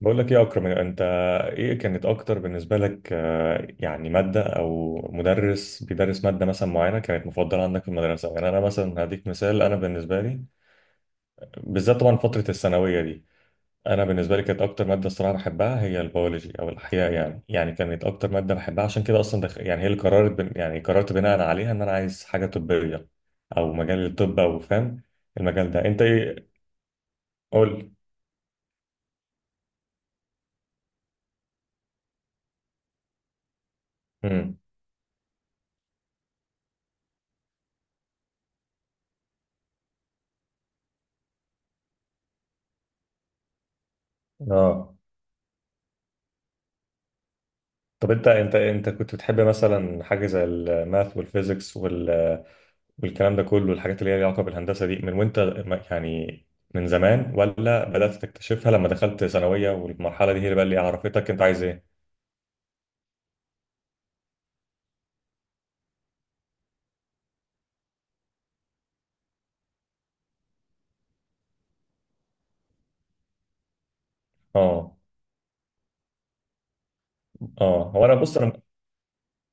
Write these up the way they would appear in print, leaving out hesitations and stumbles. بقول لك ايه يا اكرم انت؟ ايه كانت اكتر بالنسبه لك، يعني ماده او مدرس بيدرس ماده مثلا معينه كانت مفضله عندك في المدرسه؟ يعني انا مثلا هديك مثال، انا بالنسبه لي بالذات طبعا فتره الثانويه دي، انا بالنسبه لي كانت اكتر ماده الصراحه بحبها هي البيولوجي او الاحياء. يعني كانت اكتر ماده بحبها، عشان كده اصلا يعني هي اللي قررت يعني قررت بناء عليها ان انا عايز حاجه طبيه او مجال الطب، او فاهم المجال ده انت؟ ايه؟ قول. امم اه، طب انت انت كنت بتحب مثلا حاجه زي الماث والفيزيكس والكلام ده كله، الحاجات اللي هي ليها علاقه بالهندسه دي، من وانت يعني من زمان، ولا بدات تكتشفها لما دخلت ثانويه والمرحله دي هي اللي بقى اللي عرفتك انت عايز ايه؟ اه اه، هو انا بص، انا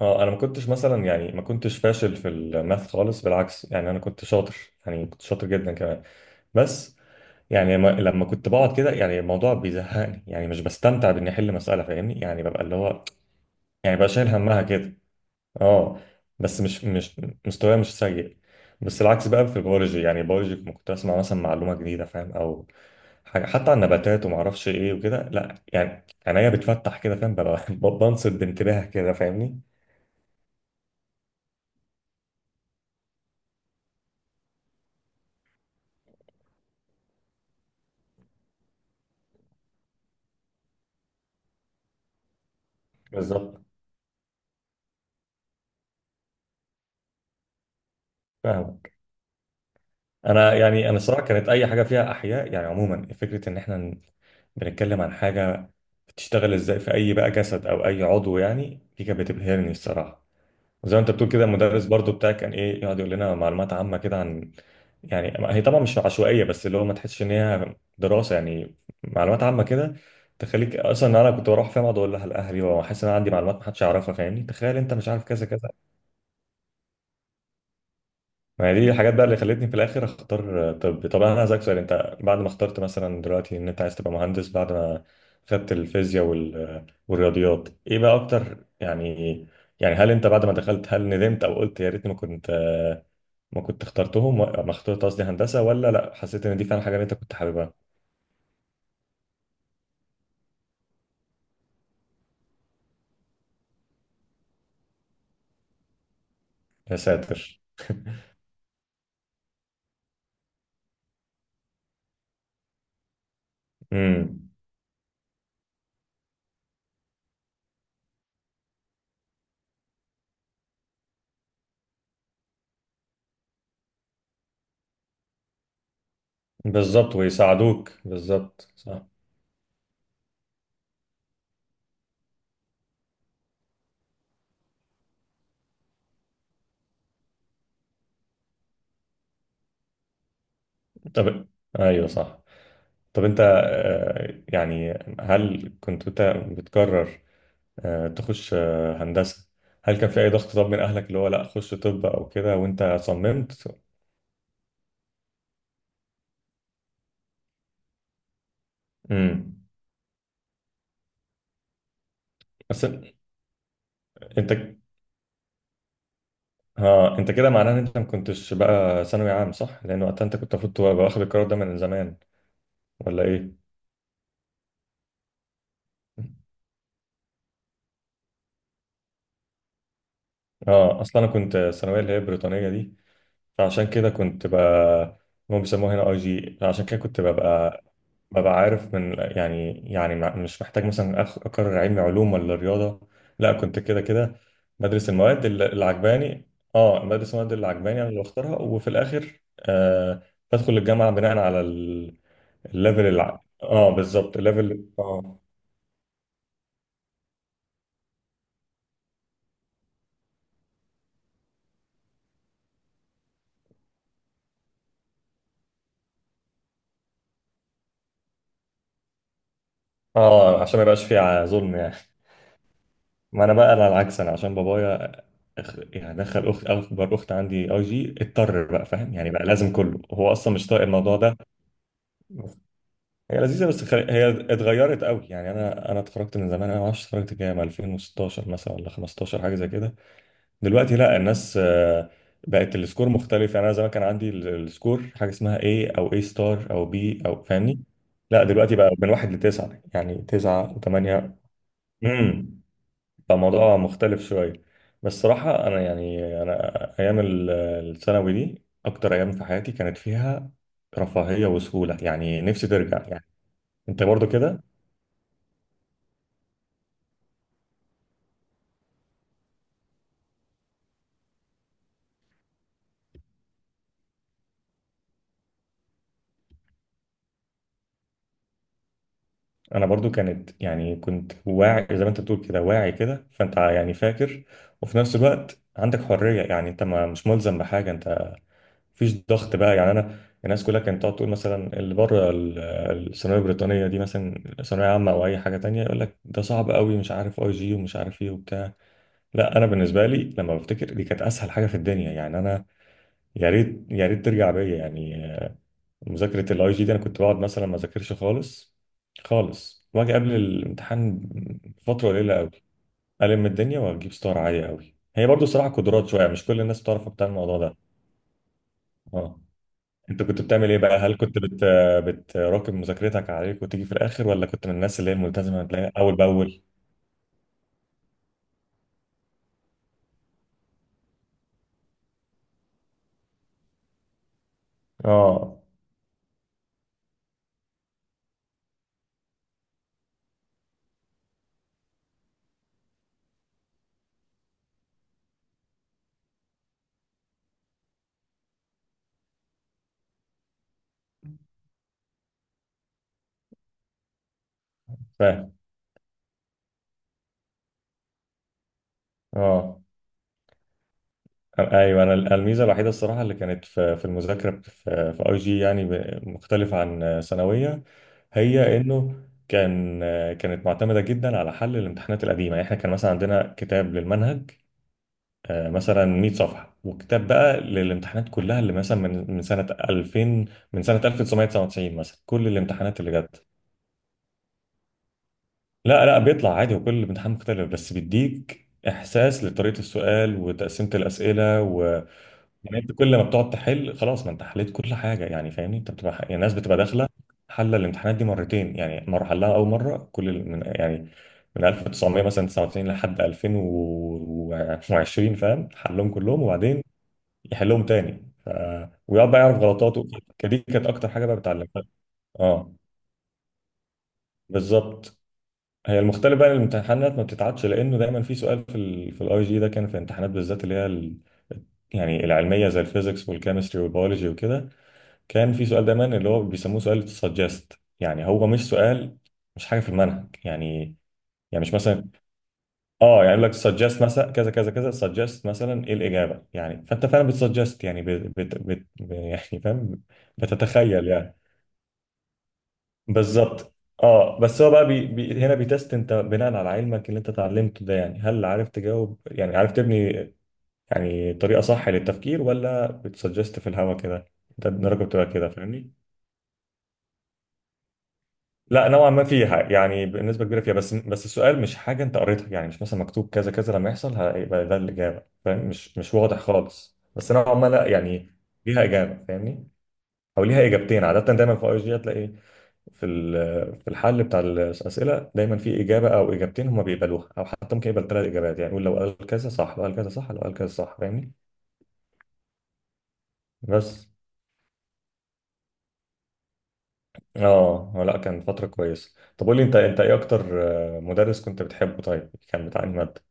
اه انا ما كنتش مثلا يعني ما كنتش فاشل في الماث خالص، بالعكس يعني انا كنت شاطر، يعني كنت شاطر جدا كمان. بس يعني لما كنت بقعد كده، يعني الموضوع بيزهقني، يعني مش بستمتع باني احل مساله، فاهمني؟ يعني ببقى اللي هو يعني بقى شايل همها كده. اه، بس مش مستواي مش سيء. بس العكس بقى في البيولوجي، يعني البيولوجي كنت اسمع مثلا معلومه جديده فاهم، او حاجه حتى عن النباتات وما اعرفش ايه وكده، لا يعني عينيا بتفتح كده فاهم، ببقى بنصت بانتباه كده فاهمني. بالظبط. فاهمك. انا يعني انا الصراحه كانت اي حاجه فيها احياء يعني عموما، فكره ان احنا بنتكلم عن حاجه بتشتغل ازاي في اي بقى جسد او اي عضو، يعني دي كانت بتبهرني الصراحه. زي ما انت بتقول كده، المدرس برضو بتاعك كان ايه يقعد يقول لنا معلومات عامه كده عن، يعني هي طبعا مش عشوائيه، بس اللي هو ما تحسش ان هي دراسه، يعني معلومات عامه كده، تخليك اصلا، انا كنت بروح فيها اقعد اقول لها لاهلي، واحس ان انا عندي معلومات ما حدش يعرفها، فاهمني؟ تخيل انت مش عارف كذا كذا. ما هي دي الحاجات بقى اللي خلتني في الاخر اختار طب. طب انا عايزك سؤال، انت بعد ما اخترت مثلا دلوقتي ان انت عايز تبقى مهندس، بعد ما خدت الفيزياء والرياضيات، ايه بقى اكتر يعني، يعني هل انت بعد ما دخلت، هل ندمت او قلت يا ريتني ما كنت ما كنت اخترتهم ما اخترت قصدي هندسة، ولا لا حسيت ان دي فعلا حاجة اللي انت كنت حاببها؟ يا ساتر. امم بالظبط، ويساعدوك بالظبط، صح. طب ايوه صح. طب انت، يعني هل كنت انت بتقرر تخش هندسة؟ هل كان في اي ضغط طب من اهلك اللي هو لا خش طب او كده وانت صممت؟ امم بس انت ها، انت كده معناه ان انت ما كنتش بقى ثانوي عام صح؟ لان وقتها انت كنت المفروض تبقى واخد القرار ده من زمان، ولا ايه؟ اه، اصلا انا كنت الثانويه اللي هي البريطانيه دي، فعشان كده كنت ب، هم بيسموها هنا اي جي، عشان كده كنت ببقى عارف من يعني، يعني مش محتاج مثلا اقرر علمي علوم ولا رياضه، لا كنت كده كده بدرس المواد اللي عجباني. اه، بدرس المواد اللي عجباني انا اللي بختارها، وفي الاخر آه بدخل الجامعه بناء على الليفل اه بالظبط، الليفل، اه. اه، عشان ما يبقاش فيه ظلم يعني. ما انا بقى انا العكس، انا عشان بابايا يعني دخل اخت، اكبر اخت عندي اي جي، اضطر بقى فاهم يعني، بقى لازم كله، هو اصلا مش طايق الموضوع ده. هي لذيذه بس هي اتغيرت قوي يعني، انا اتخرجت من زمان، انا ما اعرفش اتخرجت كام، 2016 مثلا ولا 15، حاجه زي كده. دلوقتي لا الناس بقت السكور مختلف، يعني انا زمان كان عندي السكور حاجه اسمها A او A ستار او B، او فاهمني. لا دلوقتي بقى من واحد لتسعه، يعني تسعه وثمانيه، فالموضوع مختلف شوية. بس صراحة أنا يعني، أنا أيام الثانوي دي، أكتر أيام في حياتي كانت فيها رفاهية وسهولة، يعني نفسي ترجع يعني. أنت برضو كده؟ أنا برضو كانت، يعني كنت واعي زي ما أنت بتقول كده، واعي كده، فأنت يعني فاكر. وفي نفس الوقت عندك حرية، يعني أنت ما مش ملزم بحاجة، أنت مفيش ضغط بقى، يعني أنا الناس كلها كانت تقعد تقول مثلا اللي بره الثانويه البريطانيه دي مثلا ثانويه عامه او اي حاجه تانية، يقول لك ده صعب قوي مش عارف اي جي ومش عارف ايه وبتاع. لا انا بالنسبه لي لما بفتكر، دي كانت اسهل حاجه في الدنيا يعني، انا يا ريت يا ريت ترجع بيا يعني. مذاكره الاي جي دي، انا كنت بقعد مثلا ما اذاكرش خالص خالص، واجي قبل الامتحان فتره قليله قوي، الم الدنيا واجيب ستار عاليه قوي. هي برضو صراحه قدرات شويه، مش كل الناس بتعرف بتاع الموضوع ده. اه. انت كنت بتعمل ايه بقى، هل كنت بتراكم مذاكرتك عليك وتيجي في الاخر، ولا كنت من الناس اللي هي الملتزمه بتلاقيها اول باول؟ اه فاهم. اه ايوه، انا الميزه الوحيده الصراحه اللي كانت في المذاكره في اي جي، يعني مختلفه عن ثانويه، هي انه كان، كانت معتمده جدا على حل الامتحانات القديمه. يعني احنا كان مثلا عندنا كتاب للمنهج، مثلا 100 صفحه، وكتاب بقى للامتحانات كلها اللي مثلا من سنه 2000، من سنه 1999 مثلا، كل الامتحانات اللي جت. لا لا بيطلع عادي، وكل الامتحان مختلف، بس بيديك احساس لطريقه السؤال وتقسيمه الاسئله. يعني انت كل ما بتقعد تحل، خلاص ما انت حليت كل حاجه يعني فاهمني، انت بتبقى يعني الناس بتبقى داخله حل الامتحانات دي مرتين، يعني مره حلها اول مره كل من يعني من 1900 مثلا 99 لحد 2020 فاهم، حلهم كلهم، وبعدين يحلهم تاني ويقعد بقى يعرف غلطاته. دي كانت اكتر حاجه بقى بتعلمها. اه بالظبط. هي المختلف بقى إن الامتحانات ما بتتعادش، لانه دايما في سؤال في في الاي جي ده كان في الامتحانات بالذات اللي هي يعني العلميه زي الفيزيكس والكيمستري والبيولوجي وكده، كان في سؤال دايما اللي هو بيسموه سؤال سجست، يعني هو مش سؤال، مش حاجه في المنهج يعني، يعني مش مثلا، اه يعني يقول لك سجست مثلا كذا كذا كذا، سجست مثلا ايه الاجابه، يعني فانت فعلا بتسجست، يعني بت يعني فاهم، بتتخيل يعني. بالظبط. اه بس هو بقى بي هنا بيتست انت بناء على علمك اللي انت اتعلمته ده، يعني هل عارف تجاوب، يعني عارف تبني يعني طريقه صح للتفكير، ولا بتسجست في الهوا كده، انت درجه بتبقى كده فاهمني. لا نوعا ما فيها، يعني بنسبه كبيره فيها، بس السؤال مش حاجه انت قريتها، يعني مش مثلا مكتوب كذا كذا لما يحصل هيبقى ده الاجابه فاهم، مش واضح خالص، بس نوعا ما لا يعني ليها اجابه فاهمني، او ليها اجابتين. عاده دايما في اي جي هتلاقي في الحل بتاع الاسئله دايما في اجابه او اجابتين هم بيقبلوها، او حتى ممكن يقبل ثلاث اجابات، يعني يقول لو قال كذا صح، لو قال كذا صح، لو قال كذا صح فاهمني. بس اه، لا كان فتره كويسه. طب قول لي انت، انت ايه اكتر مدرس كنت بتحبه؟ طيب كان بتاع أنهي ماده؟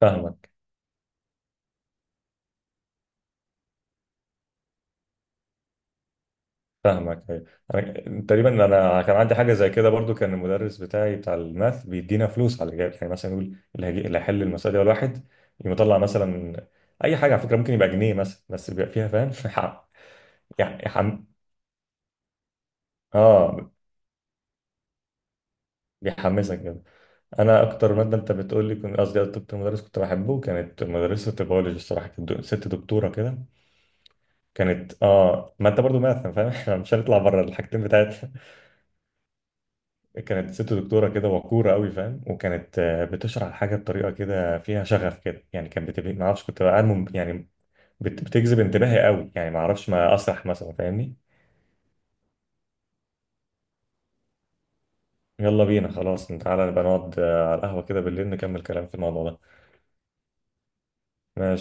فاهمك، فاهمك، أيوة. انا تقريبا انا كان عندي حاجه زي كده برضو، كان المدرس بتاعي بتاع الماث بيدينا فلوس على الاجابه، يعني مثلا يقول اللي هيحل المساله دي اول واحد يقوم يطلع، مثلا اي حاجه على فكره، ممكن يبقى جنيه مثلا، بس بيبقى فيها فاهم يح- يح- يحم... اه، بيحمسك كده. انا اكتر ماده انت بتقول لي، كنت قصدي اكتر مدرس كنت بحبه، كانت مدرسه البيولوجي الصراحه، كانت ست دكتوره كده، كانت اه، ما انت برضو ماث فاهم احنا مش هنطلع بره الحاجتين بتاعتنا. كانت ست دكتورة كده وقورة قوي فاهم، وكانت بتشرح الحاجة بطريقة كده فيها شغف كده يعني، كانت بتبقى ما اعرفش، كنت بقى يعني بتجذب انتباهي قوي يعني، ما اعرفش، ما اسرح مثلا، فاهمني؟ يلا بينا خلاص، تعالى نبقى نقعد على القهوة كده بالليل نكمل كلام في الموضوع ده. ماشي.